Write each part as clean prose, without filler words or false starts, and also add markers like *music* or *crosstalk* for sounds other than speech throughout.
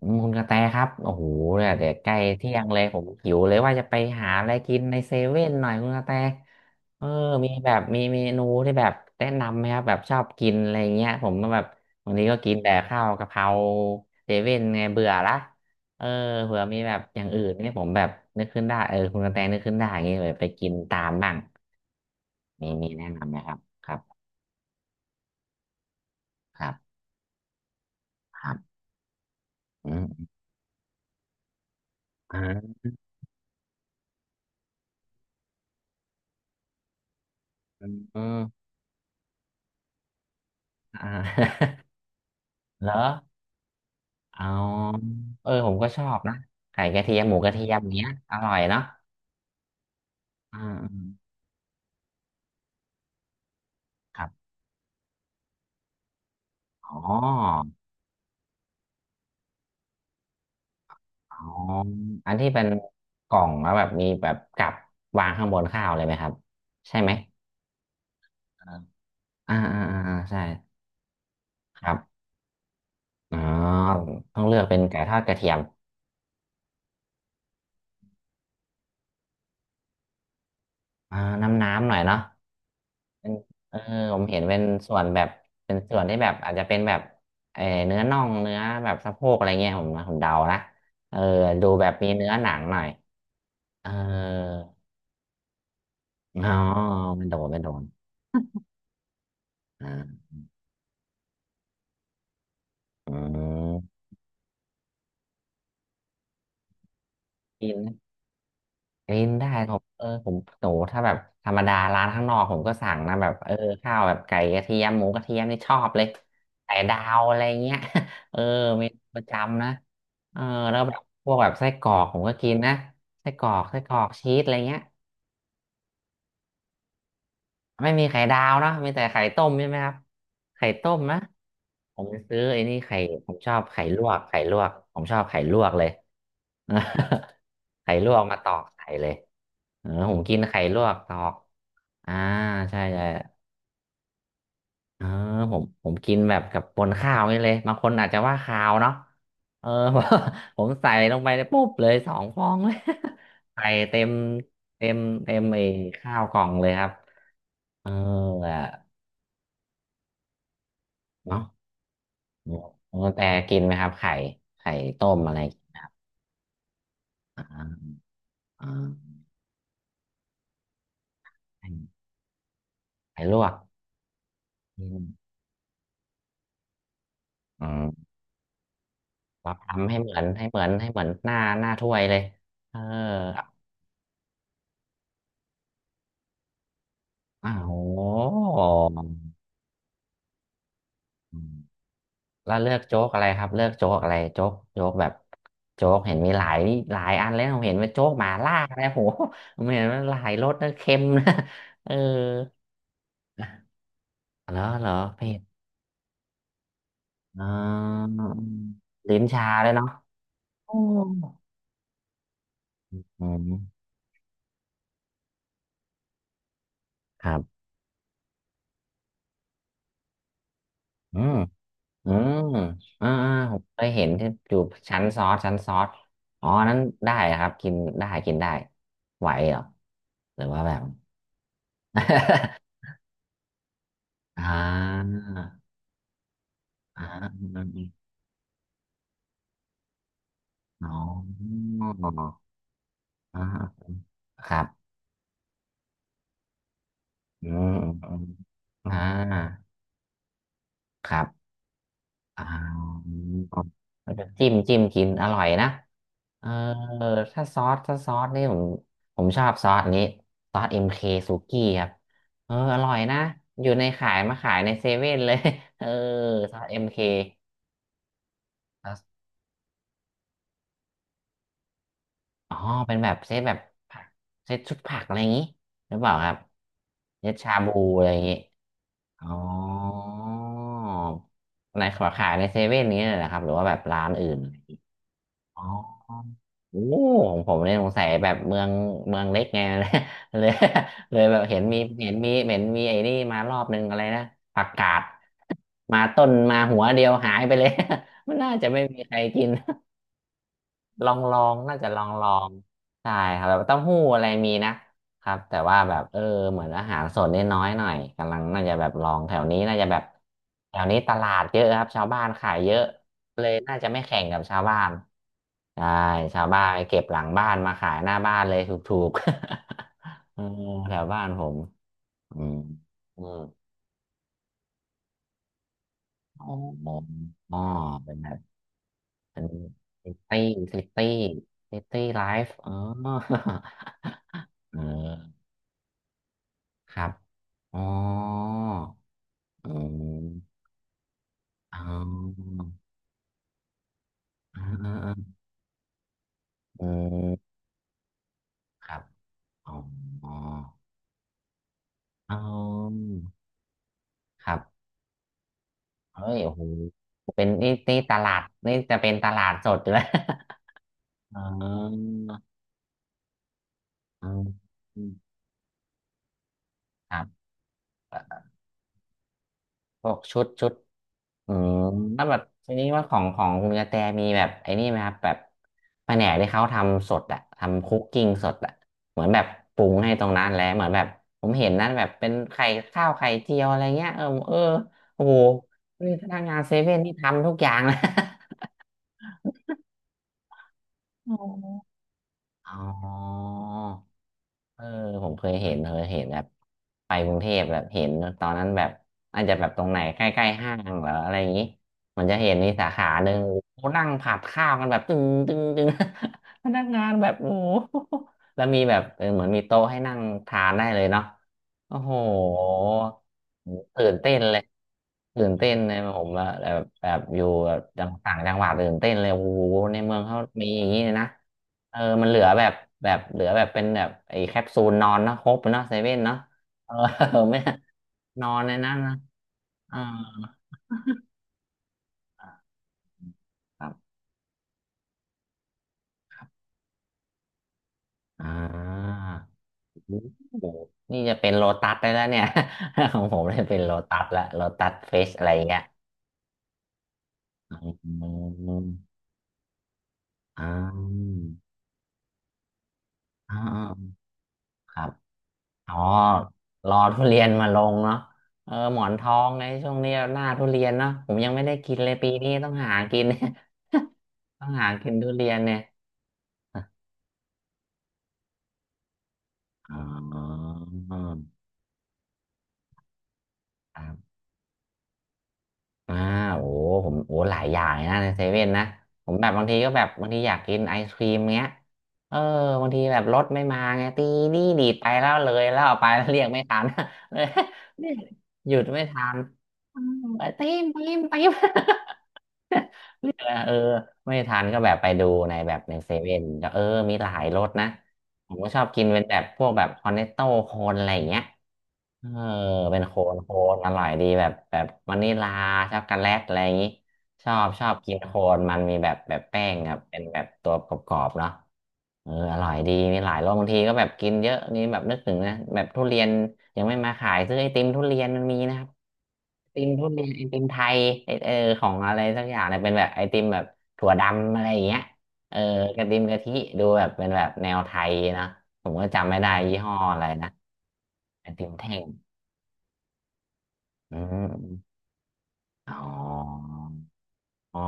อืมคุณกระแตครับโอ้โหเนี่ยเดี๋ยวใกล้เที่ยงเลยผมหิวเลยว่าจะไปหาอะไรกินในเซเว่นหน่อยคุณกระแตเออมีแบบมีเมนูที่แบบแนะนำไหมครับแบบชอบกินอะไรเงี้ยผมก็แบบวันนี้ก็กินแต่ข้าวกะเพราเซเว่นไงเบื่อละเออเผื่อมีแบบอย่างอื่นนี่ผมแบบนึกขึ้นได้เออคุณกระแตนึกขึ้นได้อย่างเงี้ยแบบไปกินตามบ้างมีแนะนำไหมครับครับครับครับอืมอ่าอืมอ่า *laughs* เหรอ อ๋อเออผมก็ชอบนะไข่กระเทียมหมูกระเทียมเนี้ยอร่อยเนาะอ่าอืมครับอ๋ออ๋ออันที่เป็นกล่องแล้วแบบมีแบบกับวางข้างบนข้าวเลยไหมครับใช่ไหมอ่าอ่าอ่าอ่าใช่ครับอ๋อต้องเลือกเป็นไก่ทอดกระเทียมอ่าน้ำหน่อยเนาะเป็นเออผมเห็นเป็นส่วนแบบเป็นส่วนที่แบบอาจจะเป็นแบบเออเนื้อน่องเนื้อแบบสะโพกอะไรเงี้ยผมเดานะเออดูแบบมีเนื้อหนังหน่อย เอออ๋อไมันโดนไม่โดนอ่าอืมกินกินได้ผมเออผมโหถ้าแบบธรรมดาร้านข้างนอกผมก็สั่งนะแบบเออข้าวแบบไก่กระเทียมหมูกระเทียมนี่ชอบเลยไก่ดาวอะไรเงี้ย *laughs* เออเมนูประจำนะเออแล้วแบบพวกแบบไส้กรอก ผมก็กินนะไส้กรอกชีสอะไรเงี้ย ไม่มีไข่ดาวเนอะมีแต่ไข่ต้มใช่ไหมครับไข่ต้มนะผมซื้อไอ้นี่ไข่ผมชอบไข่ลวกไข่ลวกผมชอบไข่ลวกเลย *laughs* ไข่ลวกมาตอกไข่เลยเออผมกินไข่ลวกตอกอ่าใช่ใช่เออผมกินแบบกับบนข้าวนี่เลยบางคนอาจจะว่าคาวเนาะเออ *laughs* ผมใส่ลงไปเลยปุ๊บเลยสองฟองเลย *laughs* ใส่เต็มเต็มเต็มไอ้ข้าวกล่องเลยครับเอออะเนาะ น้องกระแตกินไหมครับไข่ต้มอะไรอ่าอ่าไข่ไข่ลวกอืมอืมเราทำให้เหมือนให้เหมือนให้เหมือนหน้าถ้วยเลยเอออ้าวโหอืมแล้วเลือกโจ๊กอะไรครับเลือกโจ๊กอะไรโจ๊กแบบโจ๊กเห็นมีหลายหลายอันเล้วเห็นว่าโจ๊กหมาล่าอะไรโหผมเห็นว่าหลายรสนะเค็มนะ *laughs* เออเหรอเหรอเผ็ดออลิ้นชาเลยเนาะโออืม ครับอืมอืมอ่าอ่าผมเคยเห็นที่อยู่ชั้นซอสอ๋อนั้นได้ครับกินได้กินได้ไหวเหรอ หรือว่าแบบ *laughs* อ่าอ่าออ๋ออ่าครับอืมอืมอมอ่าครับอ่าแล้วก็จิ้มกินอร่อยนะ เออถ้าซอสนี่ผมชอบซอสนี้ซอสเอ็มเคซูกี้ครับเอออร่อยนะอยู่ในขายมาขายในเซเว่นเลย *laughs* เออซอสเอ็มเคแล้วอ๋อเป็นแบบเซตแบบผักเซตชุดผักอะไรอย่างนี้หรือเปล่าครับเซตชาบูอะไรอย่างงี้อ๋อในขอขายในเซเว่นนี้เลยนะครับหรือว่าแบบร้านอื่น อ๋อโอ้ผมเนี่ยสงสัยแบบเมืองเมืองเล็กไง *laughs* เลย *laughs* เลยแบบเห็นมีเห็นมีไอ้นี่มารอบนึงอะไรนะผักกาดมาต้นมาหัวเดียวหายไปเลย *laughs* มันน่าจะไม่มีใครกิน *laughs* ลองลองน่าจะลองลองใช่ครับแบบเต้าหู้อะไรมีนะครับแต่ว่าแบบเออเหมือนอาหารสดนี่น้อยหน่อยกำลังน่าจะแบบลองแถวนี้น่าจะแบบแถวนี้ตลาดเยอะครับชาวบ้านขายเยอะเลยน่าจะไม่แข่งกับชาวบ้าน ใช่ชาวบ้านไปเก็บหลังบ้านมาขายหน้าบ้านเลยถูกๆ *laughs* เออแถวบ้านผมอืมอืมอ๋ออ๋อเป็นแบบเป็นซิตี้ซิตี้ซิตี้ไลฟ์อ๋อ *laughs* เออครับอ๋ออืมอ๋อเอ๋ออเอออืมครับอ๋ออ๋ออ๋อครับเฮ้ยโอ้โหเป็นนี่ตลาดนี่จะเป็นตลาดสดอยู่แล้ว อ่าอืมครับพวกชุดอืมแล้วแบบทีนี้ว่าของคุณกระแตมีแบบไอ้นี่ไหมครับแบบแผนกที่เขาทำสดอะทำคุกกิ้งสดอะเหมือนแบบปรุงให้ตรงนั้นแล้วเหมือนแบบผมเห็นนั่นแบบเป็นไข่ข้าวไข่เจียวอะไรเงี้ยเออเออโอ้โหนี่พนักงานเซเว่นนี่ทำทุกอย่างนะ *laughs* อ๋อ *laughs* อ๋อ เออผมเคยเห็นแบบไปกรุงเทพแบบเห็นตอนนั้นแบบอาจจะแบบตรงไหนใกล้ๆห้างเหรออะไรอย่างนี้มันจะเห็นมีสาขาหนึ่งโอ้นั่งผัดข้าวกันแบบตึงตึงตึง *laughs* พนักงานแบบโอ้โห *laughs* แล้วมีแบบเหมือนมีโต๊ะให้นั่งทานได้เลยเนาะโอ้โหตื่นเต้นเลยตื่นเต้นเลยผมว่าแบบอยู่แบบจังต่างจังหวัดตื่นเต้นเลยโอ้โหในเมืองเขามีอย่างนี้เลยนะ เออมันเหลือแบบเหลือแบบเป็นแบบไอ้แคปซูลนอนนะครบเนาะเซเว่นเนาะเออ *laughs* ไม่นอนในนั้นนะเออครับอ่าโอ้โหนี่จะเป็นโลตัสได้แล้วเนี่ย *laughs* ของผมเนี่ยเป็นโลตัสละโลตัสเฟสอะไรเงี้ยอืมอ่าอ่าครับอ๋อรอทุเรียนมาลงเนาะเออหมอนทองไงช่วงนี้หน้าทุเรียนเนาะผมยังไม่ได้กินเลยปีนี้ต้องหากิน *laughs* ต้องหากินทุเรียนเนี่ย อ๋อครับอ่าโอ้ผมโอ้หลายอย่างนะในเซเว่นนะ ผมแบบบางทีก็แบบบางทีอยากกินไอศครีมเงี้ยเออบางทีแบบรถไม่มาไงตีนี่ดีดไปแล้วเลย แล้วเอาไปแล้วเรียกไม่ทัน *laughs* เลยหยุดไม่ทันอืมไปตีมตีมตีม *laughs* เลือกนะเออไม่ทันก็แบบไปดูในแบบในเซเว่นแล้วเออมีหลายรสนะผมก็ชอบกินเป็นแบบพวกแบบคอนเนตโต้โคนอะไรอย่างเงี้ยเออเป็นโคนโคนอร่อยดีแบบวานิลาช็อกโกแลตอะไรอย่างงี้ชอบกินโคนมันมีแบบแป้งครับเป็นแบบตัวกรอบๆเนาะเอออร่อยดีมีหลายรสบางทีก็แบบกินเยอะนี่แบบนึกถึงนะแบบทุเรียนยังไม่มาขายซื้อไอติมทุเรียนมันมีนะครับ ติมทุเรียนไอติมไทยเออของอะไรสักอย่างเนี่ยเป็นแบบไอติมแบบถั่วดำอะไรอย่างเงี้ยเออกระติมกะทิดูแบบเป็นแบบแนวไทยนะ ผมก็จำไม่ได้ยี่ห้ออะไรนะไอติมแท่งอืมออ๋ออ๋อ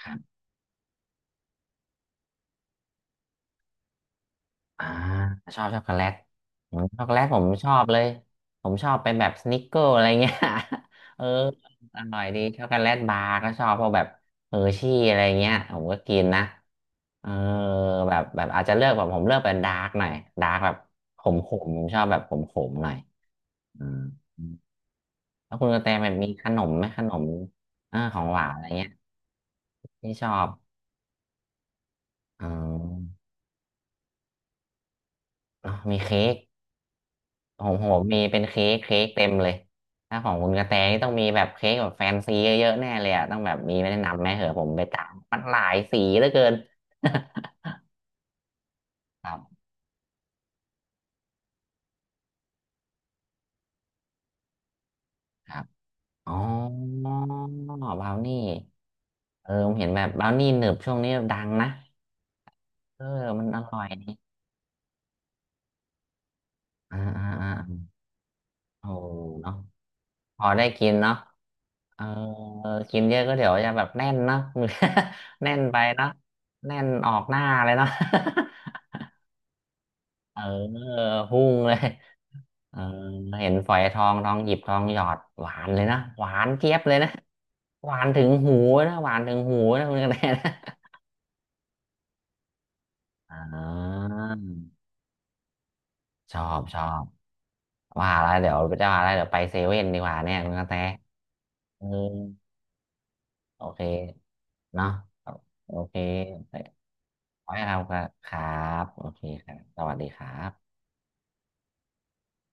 ครับ อ่าชอบช็อกโกแลตอืมช็อกโกแลตผมชอบเลยผมชอบเป็นแบบสนิกเกอร์อะไรเงี้ย *laughs* เอออร่อยดีช็อกโกแลตบาร์ก็ชอบเพราะแบบเฮอร์ชี่อะไรเงี้ยผมก็กินนะเออแบบอาจจะเลือกแบบผมเลือกเป็นดาร์กหน่อยดาร์กแบบขมขมผมชอบแบบขมขมหน่อยอืมแล้วคุณกระแตแบบมีขนมไหมขนมของหวานอะไรเงี้ยที่ชอบอ๋อเนอะมีเค้ก ของผมมีเป็นเค้กเค้กเต็มเลยถ้าของคุณกระแตนี่ต้องมีแบบเค้กแบบแฟนซีเยอะๆแน่เลยอ่ะต้องแบบมีแนะนำไหมเหอะผมไปตามมันหลายสีเหลือเกิน *laughs* ครับครับอ๋อบราวนี่เออผมเห็นแบบบราวนี่หนึบช่วงนี้ดังนะเออมันอร่อยดีอ่าอ่าอ่าโอ้เนาะพอได้กินเนาะเออกินเยอะก็เดี๋ยวจะแบบแน่นเนาะ *laughs* แน่นไปเนาะแน่นออกหน้าเลยเนาะ *laughs* เออพุ่งเลย เออเห็นฝอยทองทองหยิบทองหยอดหวานเลยนะหวานเจี๊ยบเลยนะหวานถึงหูนะหวานถึงหูนะคุณกระแตนะ *laughs* อ่าชอบชอบว่าแล้วเดี๋ยวจะว่าแล้วเดี๋ยวไปเซเว่นดีกว่าเนี่ยคุณกระแตเออโอเคเนาะโอเคไว้ครับครับโอเคครับสวัสดีครับ